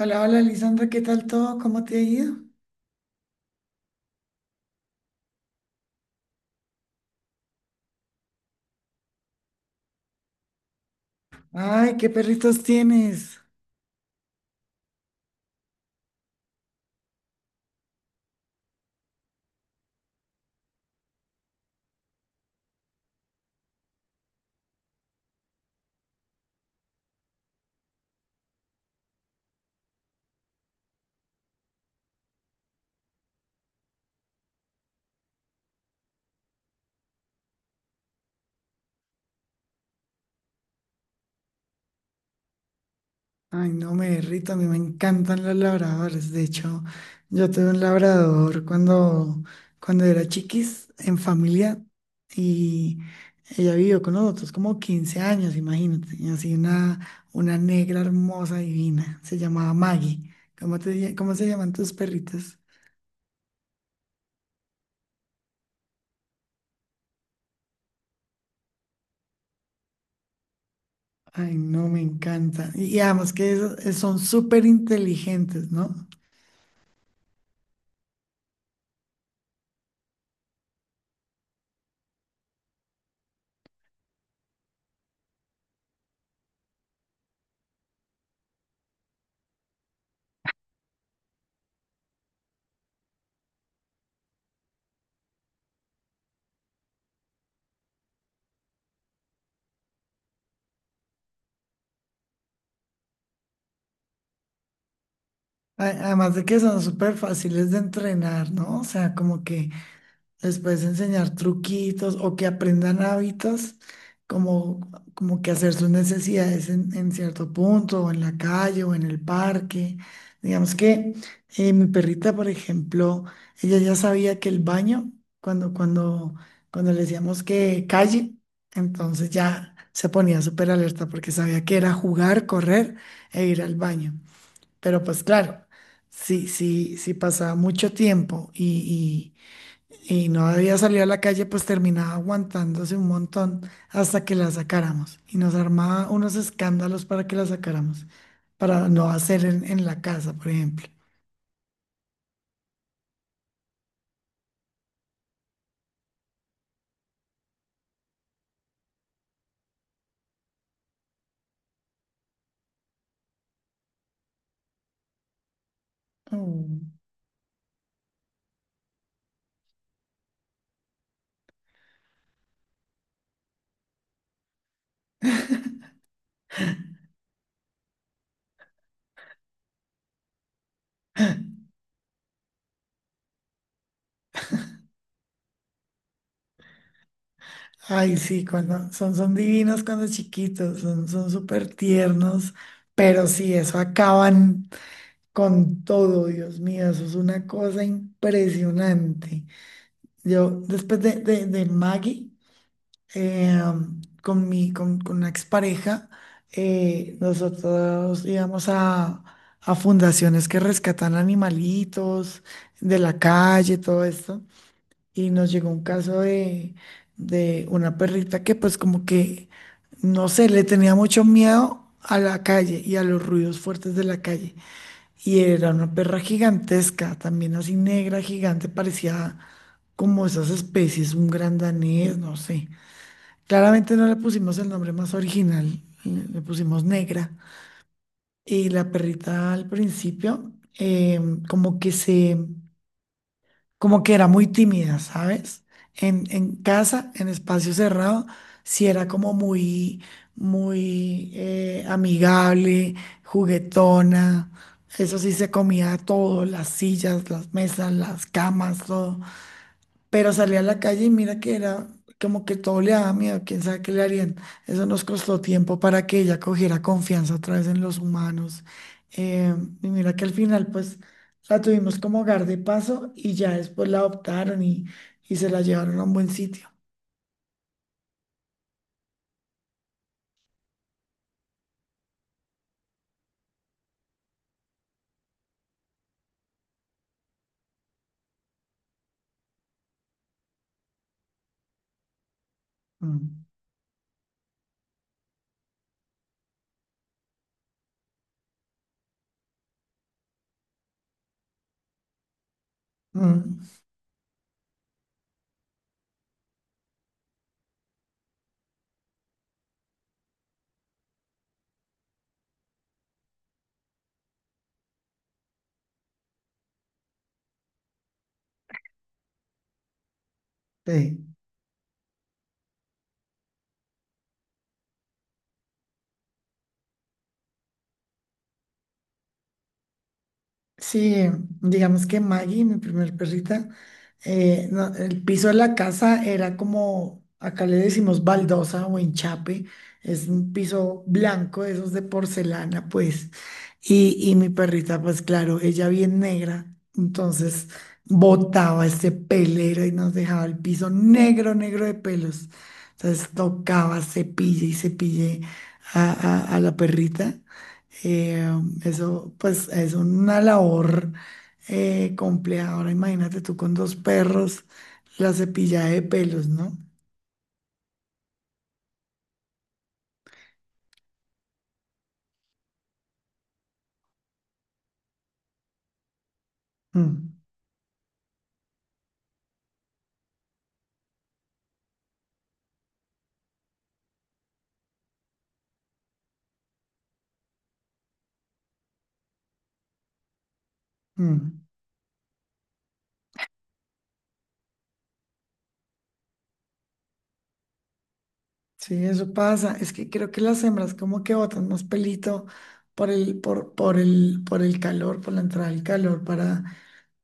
Hola, hola, Lisandra, ¿qué tal todo? ¿Cómo te ha ido? Ay, ¿qué perritos tienes? Ay, no me derrito, a mí me encantan los labradores. De hecho, yo tuve un labrador cuando era chiquis en familia y ella vivió con nosotros como 15 años, imagínate. Y así una negra hermosa, divina. Se llamaba Maggie. ¿ Cómo se llaman tus perritos? Ay, no, me encanta. Y además que son súper inteligentes, ¿no? Además de que son súper fáciles de entrenar, ¿no? O sea, como que les puedes enseñar truquitos o que aprendan hábitos, como, como que hacer sus necesidades en cierto punto, o en la calle, o en el parque. Digamos que mi perrita, por ejemplo, ella ya sabía que el baño, cuando, cuando, cuando le decíamos que calle, entonces ya se ponía súper alerta porque sabía que era jugar, correr e ir al baño. Pero pues claro, si pasaba mucho tiempo y no había salido a la calle, pues terminaba aguantándose un montón hasta que la sacáramos. Y nos armaba unos escándalos para que la sacáramos, para no hacer en la casa, por ejemplo. Mm. Ay, sí, cuando son divinos cuando chiquitos, son súper tiernos, pero sí, eso acaban con todo, Dios mío, eso es una cosa impresionante. Yo, después del Maggie, eh, con con una expareja, nosotros íbamos a fundaciones que rescatan animalitos de la calle, todo esto, y nos llegó un caso de una perrita que pues como que, no sé, le tenía mucho miedo a la calle y a los ruidos fuertes de la calle. Y era una perra gigantesca, también así negra, gigante, parecía como esas especies, un gran danés, no sé. Claramente no le pusimos el nombre más original, le pusimos negra. Y la perrita al principio, eh, como que como que era muy tímida, ¿sabes? En casa, en espacio cerrado, sí era como muy amigable, juguetona. Eso sí, se comía todo, las sillas, las mesas, las camas, todo. Pero salí a la calle y mira que era como que todo le daba miedo, quién sabe qué le harían. Eso nos costó tiempo para que ella cogiera confianza otra vez en los humanos. Eh, y mira que al final pues la tuvimos como hogar de paso y ya después la adoptaron y se la llevaron a un buen sitio. Mm, mm, sí. Sí, digamos que Maggie, mi primer perrita, no, el piso de la casa era como, acá le decimos baldosa o enchape, es un piso blanco, de esos de porcelana, pues. Y mi perrita, pues claro, ella bien negra, entonces botaba este pelero y nos dejaba el piso negro, negro de pelos. Entonces tocaba, cepille y cepille a la perrita. Eh, Eso, pues, es una labor compleja. Ahora imagínate tú con 2 perros, la cepillada de pelos, ¿no? Mm, mm. Sí, eso pasa. Es que creo que las hembras como que botan más pelito por el calor, por la entrada del calor,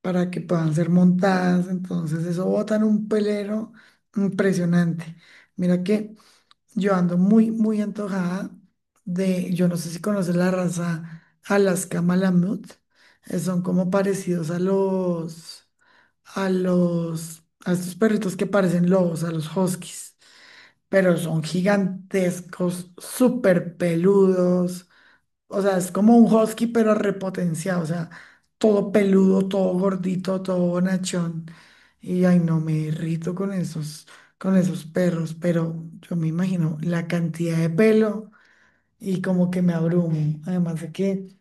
para que puedan ser montadas. Entonces, eso botan un pelero impresionante. Mira que yo ando muy antojada de, yo no sé si conoces la raza Alaska Malamut, son como parecidos a a estos perritos que parecen lobos, a los huskies, pero son gigantescos, súper peludos, o sea, es como un husky, pero repotenciado. O sea, todo peludo, todo gordito, todo bonachón. Y ay, no me irrito con esos perros, pero yo me imagino la cantidad de pelo y como que me abrumo. Además de que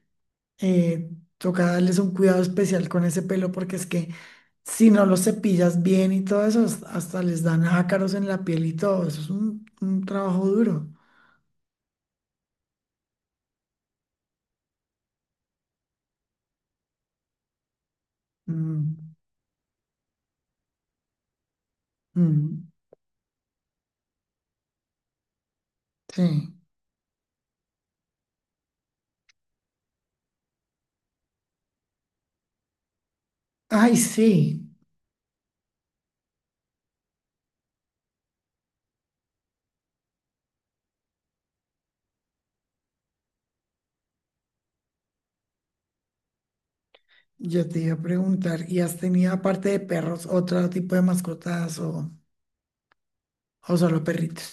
eh, toca darles un cuidado especial con ese pelo, porque es que si no los cepillas bien y todo eso, hasta les dan ácaros en la piel y todo. Eso es un trabajo duro. Mm, mm, sí. Ay, sí. Yo te iba a preguntar, ¿y has tenido aparte de perros otro tipo de mascotas o solo perritos?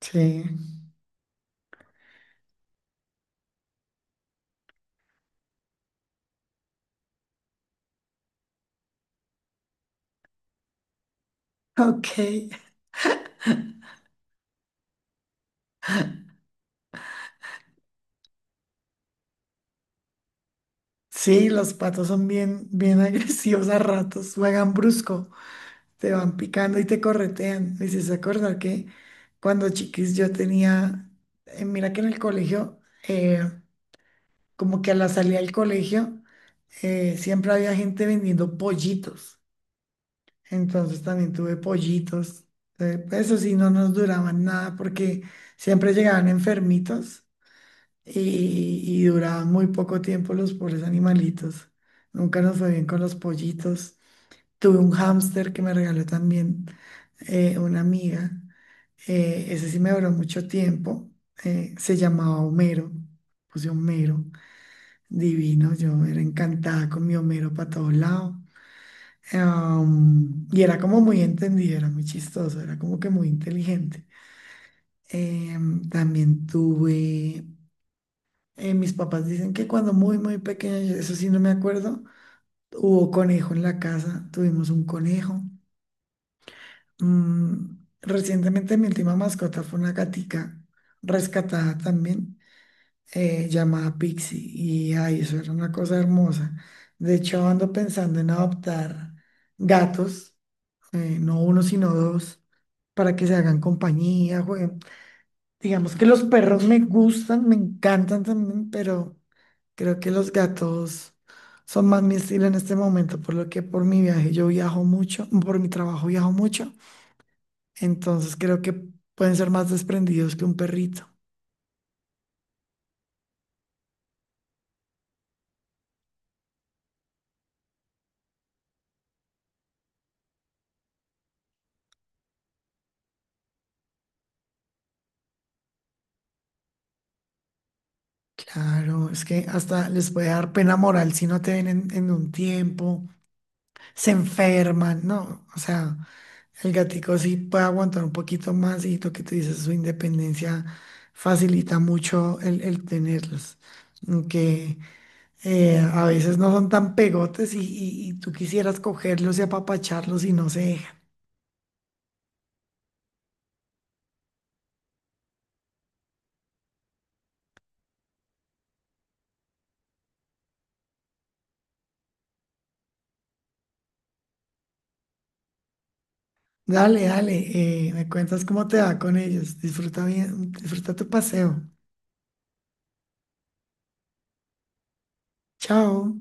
Sí. Ok. Sí, los patos son bien agresivos a ratos, juegan brusco, te van picando y te corretean. Me hiciste acordar que cuando chiquis yo tenía, mira que en el colegio, eh, como que a la salida del colegio, siempre había gente vendiendo pollitos. Entonces también tuve pollitos. Pues, eso sí, no nos duraban nada porque siempre llegaban enfermitos y duraban muy poco tiempo los pobres animalitos. Nunca nos fue bien con los pollitos. Tuve un hámster que me regaló también una amiga. Ese sí me duró mucho tiempo. Se llamaba Homero. Puse Homero. Divino. Yo era encantada con mi Homero para todos lados. Y era como muy entendido, era muy chistoso, era como que muy inteligente. También tuve, mis papás dicen que cuando muy pequeña, eso sí no me acuerdo, hubo conejo en la casa, tuvimos un conejo. Mm, recientemente mi última mascota fue una gatica rescatada también, llamada Pixie, y ay, eso era una cosa hermosa. De hecho, ando pensando en adoptar gatos. Eh, no uno, sino dos, para que se hagan compañía, jueguen. Digamos que los perros me gustan, me encantan también, pero creo que los gatos son más mi estilo en este momento, por lo que por mi viaje yo viajo mucho, por mi trabajo viajo mucho, entonces creo que pueden ser más desprendidos que un perrito. Claro, es que hasta les puede dar pena moral si no te ven en un tiempo, se enferman, ¿no? O sea, el gatico sí puede aguantar un poquito más y lo que tú dices, su independencia facilita mucho el tenerlos. Aunque a veces no son tan pegotes y tú quisieras cogerlos y apapacharlos y no se dejan. Dale, dale, me cuentas cómo te va con ellos. Disfruta bien, disfruta tu paseo. Chao.